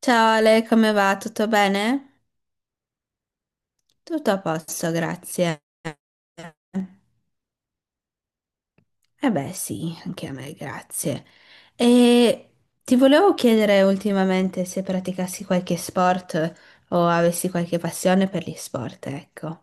Ciao Ale, come va? Tutto bene? Tutto a posto, grazie. Eh beh, sì, anche a me, grazie. E ti volevo chiedere ultimamente se praticassi qualche sport o avessi qualche passione per gli sport, ecco.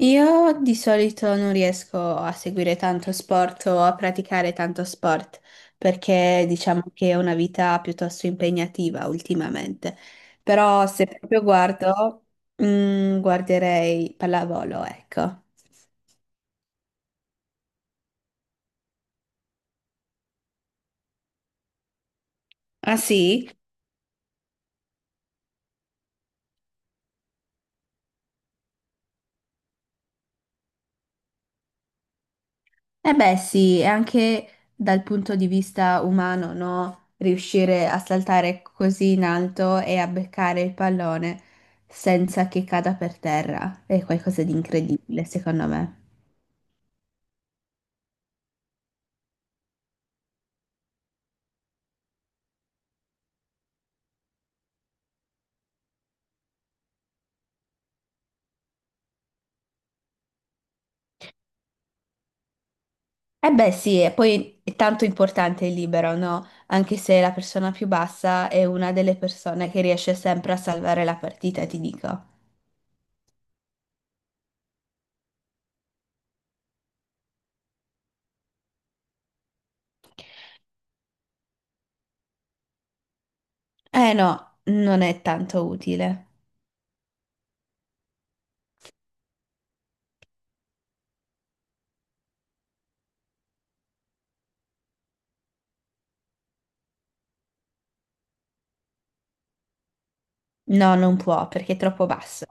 Io di solito non riesco a seguire tanto sport o a praticare tanto sport perché diciamo che è una vita piuttosto impegnativa ultimamente. Però se proprio guardo, guarderei pallavolo, ecco. Ah sì? Eh beh, sì, e anche dal punto di vista umano, no? Riuscire a saltare così in alto e a beccare il pallone senza che cada per terra è qualcosa di incredibile, secondo me. Eh beh, sì, e poi è tanto importante il libero, no? Anche se la persona più bassa è una delle persone che riesce sempre a salvare la partita, ti dico. Eh no, non è tanto utile. No, non può perché è troppo basso.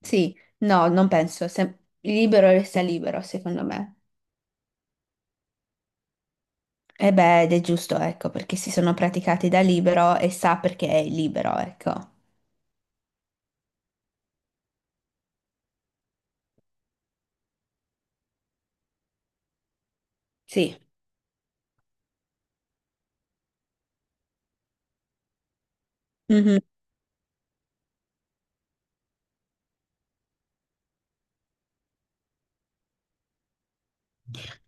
Sì, no, non penso. Se libero resta libero, secondo me. E beh, ed è giusto, ecco, perché si sono praticati da libero e sa perché è libero, ecco. Sì. Mhm.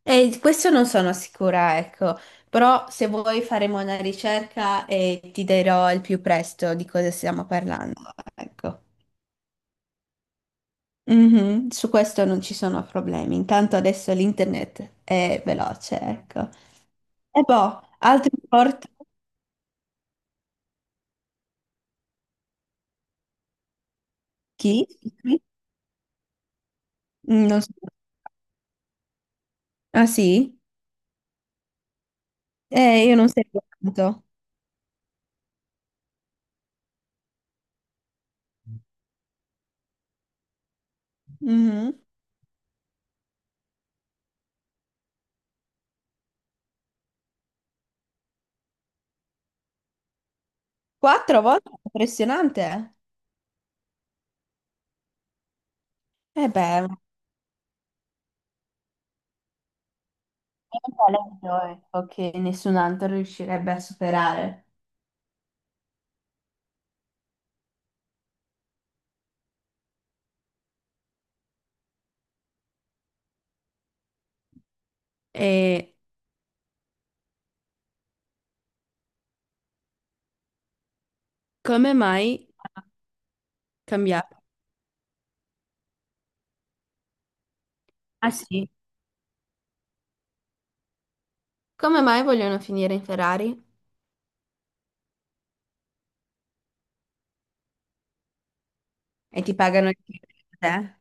E questo non sono sicura, ecco, però se vuoi faremo una ricerca e ti dirò al più presto di cosa stiamo parlando, ecco. Mhm. Su questo non ci sono problemi, intanto adesso l'internet è veloce, ecco. E boh, altri portali? Chi? Scusami. Non so. Ah sì? Io non seguo tanto. Mhm. Quattro volte? Impressionante. Eh. Beh, ma- è un po' l'audio, ecco, che nessun altro riuscirebbe a superare. E come mai cambiare? Ah sì? Come mai vogliono finire in Ferrari? E ti pagano il te? Eh.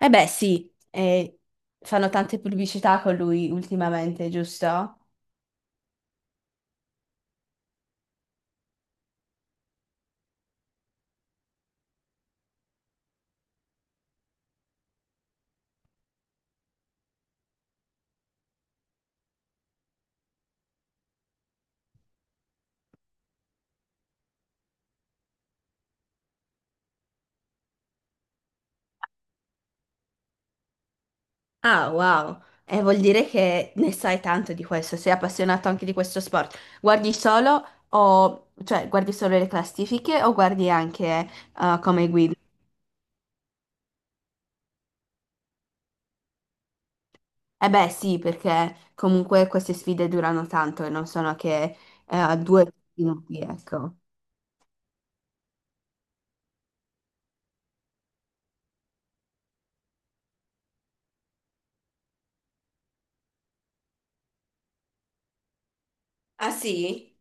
Beh, sì, fanno tante pubblicità con lui ultimamente, giusto? Ah, wow. Vuol dire che ne sai tanto di questo, sei appassionato anche di questo sport. Guardi solo o, cioè, guardi solo le classifiche o guardi anche come guida? Eh beh, sì, perché comunque queste sfide durano tanto e non sono che due minuti, ecco. Ah sì?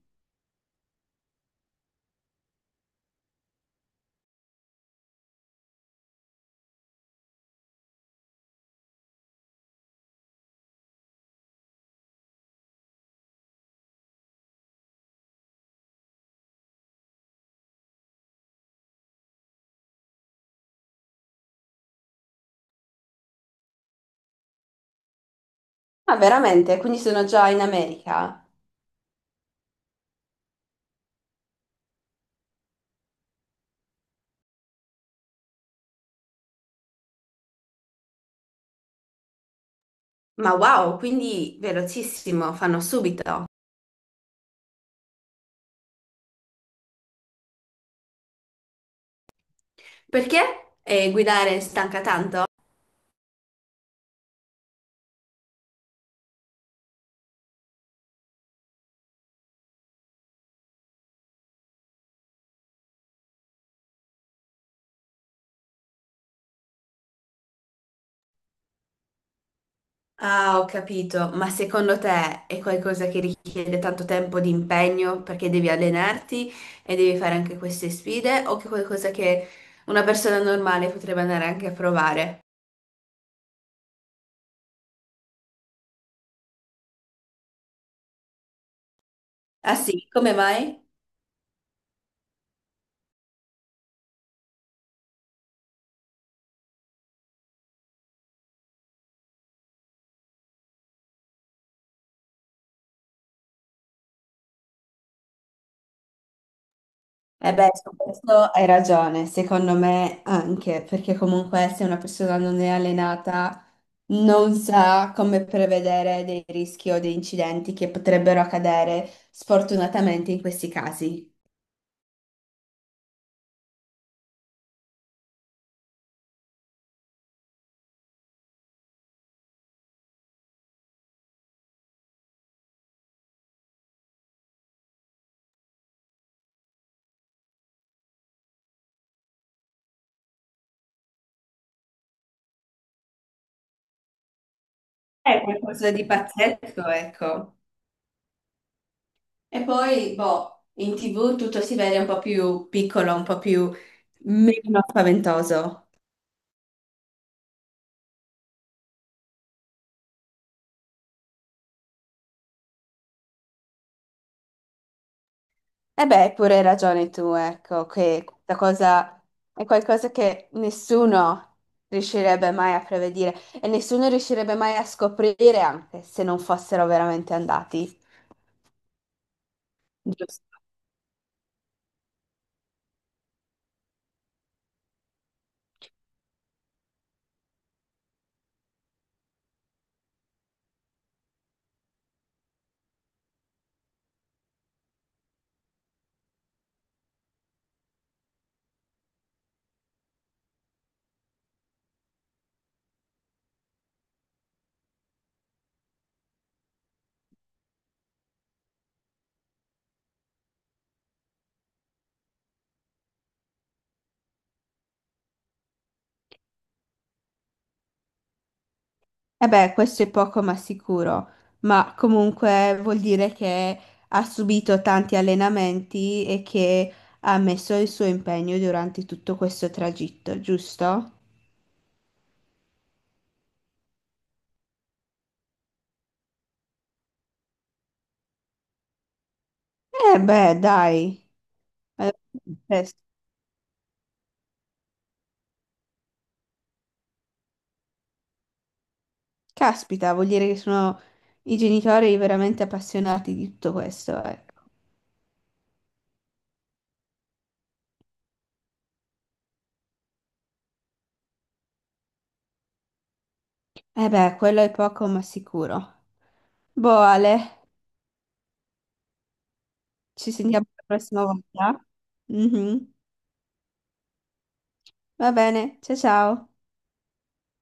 Ah, veramente? Quindi sono già in America? Ma wow, quindi velocissimo, fanno subito. Perché guidare stanca tanto? Ah, ho capito, ma secondo te è qualcosa che richiede tanto tempo di impegno perché devi allenarti e devi fare anche queste sfide o che è qualcosa che una persona normale potrebbe andare anche a provare? Ah sì, come mai? Eh beh, su questo hai ragione, secondo me anche, perché comunque se una persona non è allenata non sa come prevedere dei rischi o dei incidenti che potrebbero accadere sfortunatamente in questi casi. È qualcosa di pazzesco, ecco. E poi, boh, in TV tutto si vede un po' più piccolo, un po' più meno spaventoso. E beh, hai pure ragione tu, ecco, che questa cosa è qualcosa che nessuno riuscirebbe mai a prevedere e nessuno riuscirebbe mai a scoprire anche se non fossero veramente andati. Giusto. Eh beh, questo è poco ma sicuro, ma comunque vuol dire che ha subito tanti allenamenti e che ha messo il suo impegno durante tutto questo tragitto, giusto? Eh beh, dai. Eh, eh, Caspita, vuol dire che sono i genitori veramente appassionati di tutto questo, ecco. Eh beh, quello è poco ma sicuro. Boh, Ale, ci sentiamo la prossima volta. Mhm. Va bene, ciao ciao.